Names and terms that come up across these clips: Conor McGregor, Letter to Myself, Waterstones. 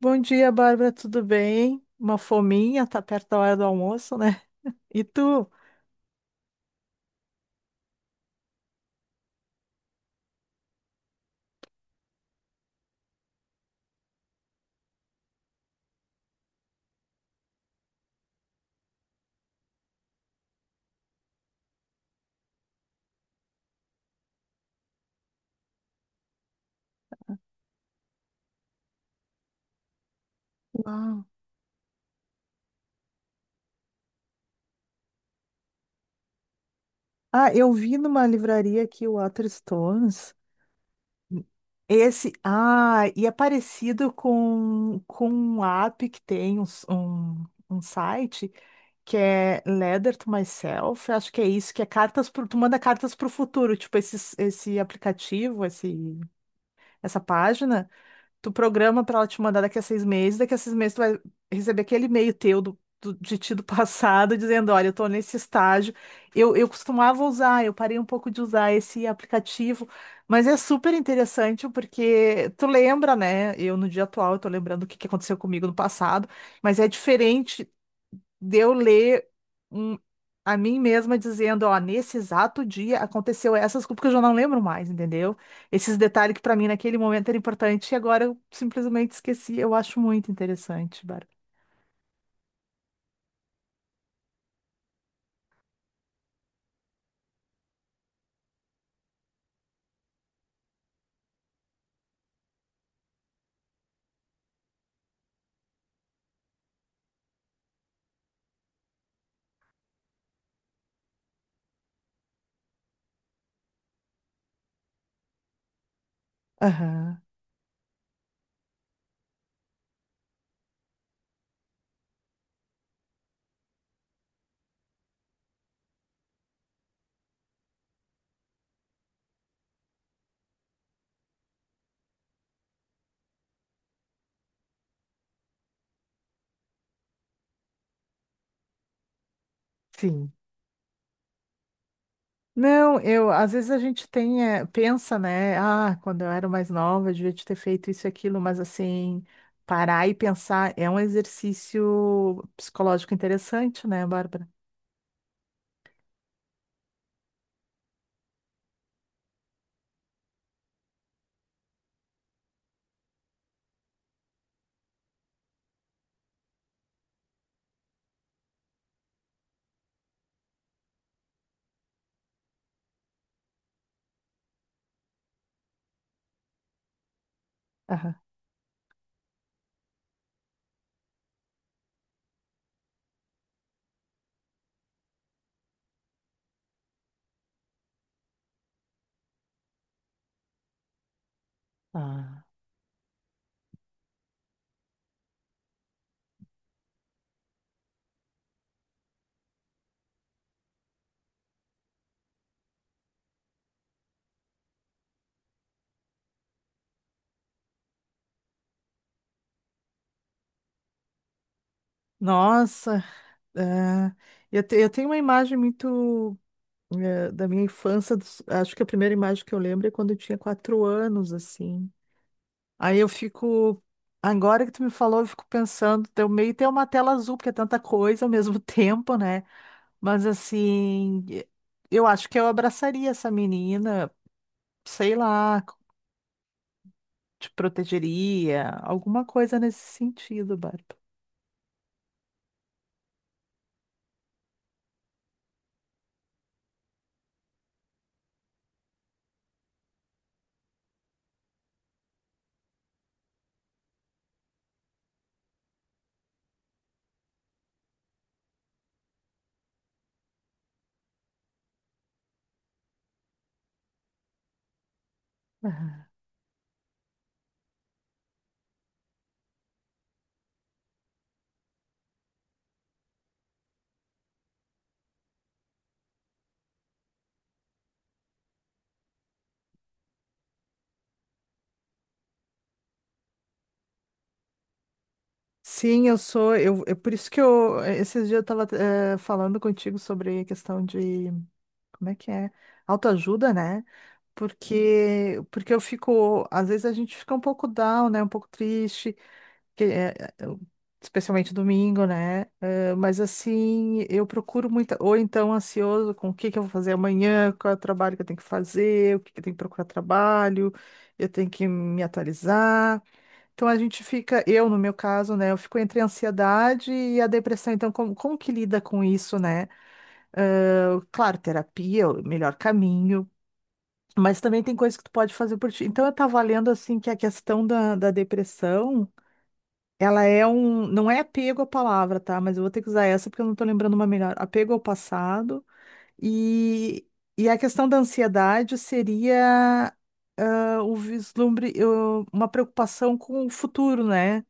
Bom dia, Bárbara, tudo bem? Uma fominha, tá perto da hora do almoço, né? E tu? Uau. Ah, eu vi numa livraria aqui o Waterstones. Esse, ah, e é parecido com um app que tem um site que é Letter to Myself, acho que é isso, que é cartas pro, tu manda cartas para o futuro, tipo esse, aplicativo, essa página. Tu programa pra ela te mandar daqui a 6 meses, daqui a 6 meses tu vai receber aquele e-mail teu de ti do passado, dizendo, olha, eu tô nesse estágio. Eu costumava usar, eu parei um pouco de usar esse aplicativo, mas é super interessante porque tu lembra, né? Eu no dia atual, eu tô lembrando o que que aconteceu comigo no passado, mas é diferente de eu ler um- a mim mesma dizendo, ó, nesse exato dia aconteceu essas coisas, porque eu já não lembro mais, entendeu? Esses detalhes que para mim naquele momento era importante e agora eu simplesmente esqueci. Eu acho muito interessante, Bárbara. Aham, sim. Não, às vezes a gente pensa, né? Ah, quando eu era mais nova, eu devia ter feito isso e aquilo, mas assim, parar e pensar é um exercício psicológico interessante, né, Bárbara? Aham. Ah. Nossa. Ah, eu tenho uma imagem muito da minha infância. Acho que a primeira imagem que eu lembro é quando eu tinha 4 anos, assim. Aí eu fico. Agora que tu me falou, eu fico pensando, eu meio ter uma tela azul, porque é tanta coisa ao mesmo tempo, né? Mas assim, eu acho que eu abraçaria essa menina, sei lá, te protegeria, alguma coisa nesse sentido, Bárbara. Sim, eu sou. É por isso que eu. É, esses dias eu tava falando contigo sobre a questão de. Como é que é? Autoajuda, né? Porque eu fico. Às vezes a gente fica um pouco down, né? Um pouco triste, que, eh, eh, eu- especialmente domingo, né? Mas assim, eu procuro muito. Ou então ansioso com o que que eu vou fazer amanhã, qual é o trabalho que eu tenho que fazer, o que que eu tenho que procurar trabalho, eu tenho que me atualizar. Então a gente fica, eu no meu caso, né, eu fico entre a ansiedade e a depressão. Então, como que lida com isso, né? Ah, claro, terapia é o melhor caminho, mas também tem coisas que tu pode fazer por ti. Então, eu tava lendo, assim, que a questão da depressão, ela é não é apego à palavra, tá? Mas eu vou ter que usar essa porque eu não tô lembrando uma melhor. Apego ao passado e, e a questão da ansiedade seria o vislumbre, uma preocupação com o futuro, né?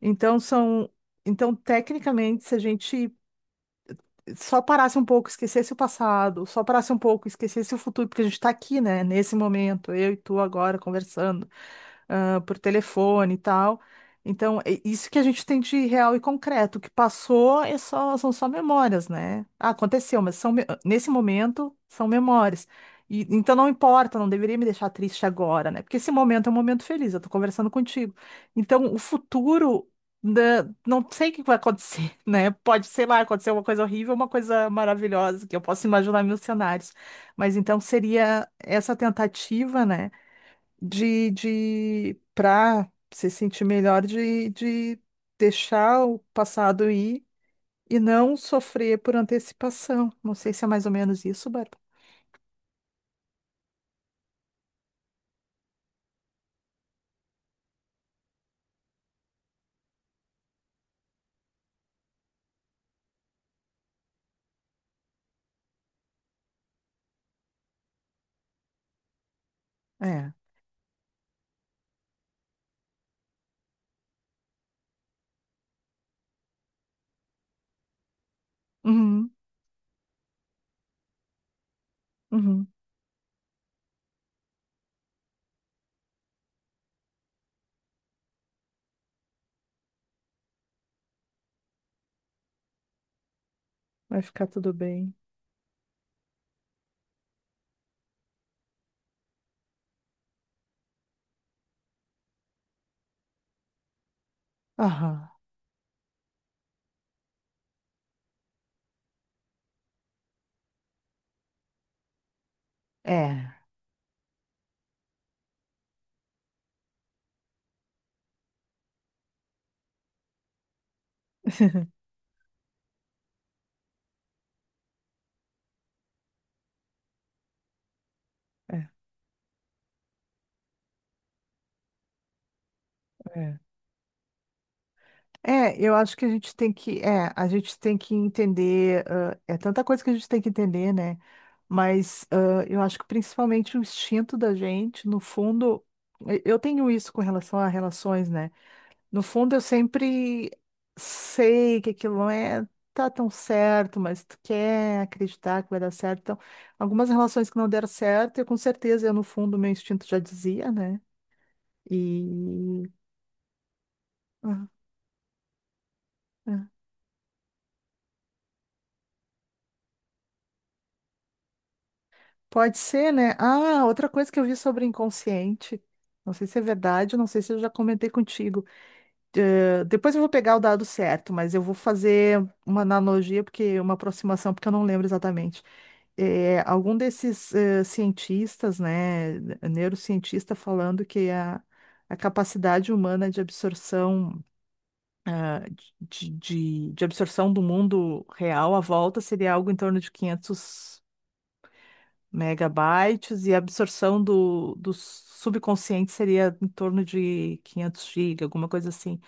Então são, então tecnicamente, se a gente só parasse um pouco, esquecesse o passado, só parasse um pouco, esquecesse o futuro, porque a gente está aqui, né, nesse momento, eu e tu agora conversando por telefone e tal. Então, é isso que a gente tem de real e concreto. O que passou são só memórias, né? Ah, aconteceu, mas nesse momento são memórias. E então não importa, não deveria me deixar triste agora, né? Porque esse momento é um momento feliz, eu tô conversando contigo. Então, o futuro, né, não sei o que vai acontecer, né? Pode, sei lá, acontecer uma coisa horrível, uma coisa maravilhosa, que eu posso imaginar mil cenários. Mas então seria essa tentativa, né? De para se sentir melhor de deixar o passado ir e não sofrer por antecipação. Não sei se é mais ou menos isso, Bárbara. É. Uhum, uhum. Vai ficar tudo bem. Aham. É. É, é. É, eu acho que a gente tem que entender, é tanta coisa que a gente tem que entender, né? Mas eu acho que principalmente o instinto da gente, no fundo, eu tenho isso com relação a relações, né? No fundo, eu sempre sei que aquilo não tá tão certo, mas tu quer acreditar que vai dar certo. Então, algumas relações que não deram certo, eu com certeza, eu no fundo, meu instinto já dizia, né? E ah, é. Pode ser, né? Ah, outra coisa que eu vi sobre inconsciente, não sei se é verdade, não sei se eu já comentei contigo. Depois eu vou pegar o dado certo, mas eu vou fazer uma analogia, porque uma aproximação, porque eu não lembro exatamente. Algum desses cientistas, né, neurocientista falando que a capacidade humana de absorção, ah, de absorção do mundo real à volta seria algo em torno de 500 megabytes e a absorção do subconsciente seria em torno de 500 gigas, alguma coisa assim.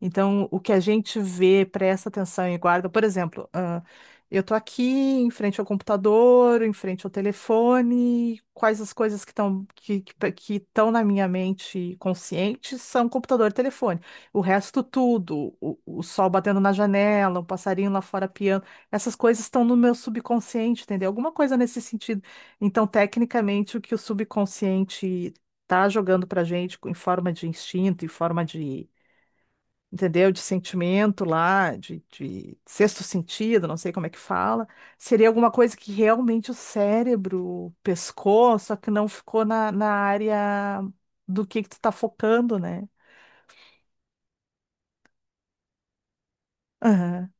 Então, o que a gente vê, presta atenção e guarda, por exemplo, eu estou aqui em frente ao computador, em frente ao telefone, quais as coisas que estão que estão na minha mente consciente são computador e telefone. O resto tudo, o sol batendo na janela, um passarinho lá fora piando, essas coisas estão no meu subconsciente, entendeu? Alguma coisa nesse sentido. Então, tecnicamente, o que o subconsciente está jogando para gente em forma de instinto, em forma de entendeu? De sentimento lá, de sexto sentido, não sei como é que fala. Seria alguma coisa que realmente o cérebro pescou, só que não ficou na área do que tu tá focando, né? Aham,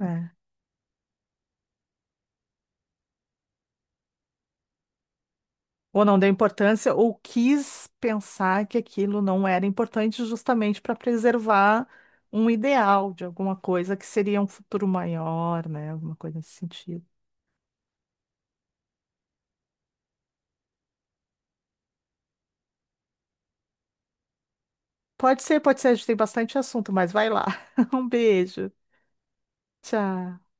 é. Ou não deu importância, ou quis pensar que aquilo não era importante justamente para preservar um ideal de alguma coisa que seria um futuro maior, né? Alguma coisa nesse sentido. Pode ser, a gente tem bastante assunto, mas vai lá. Um beijo. Tá.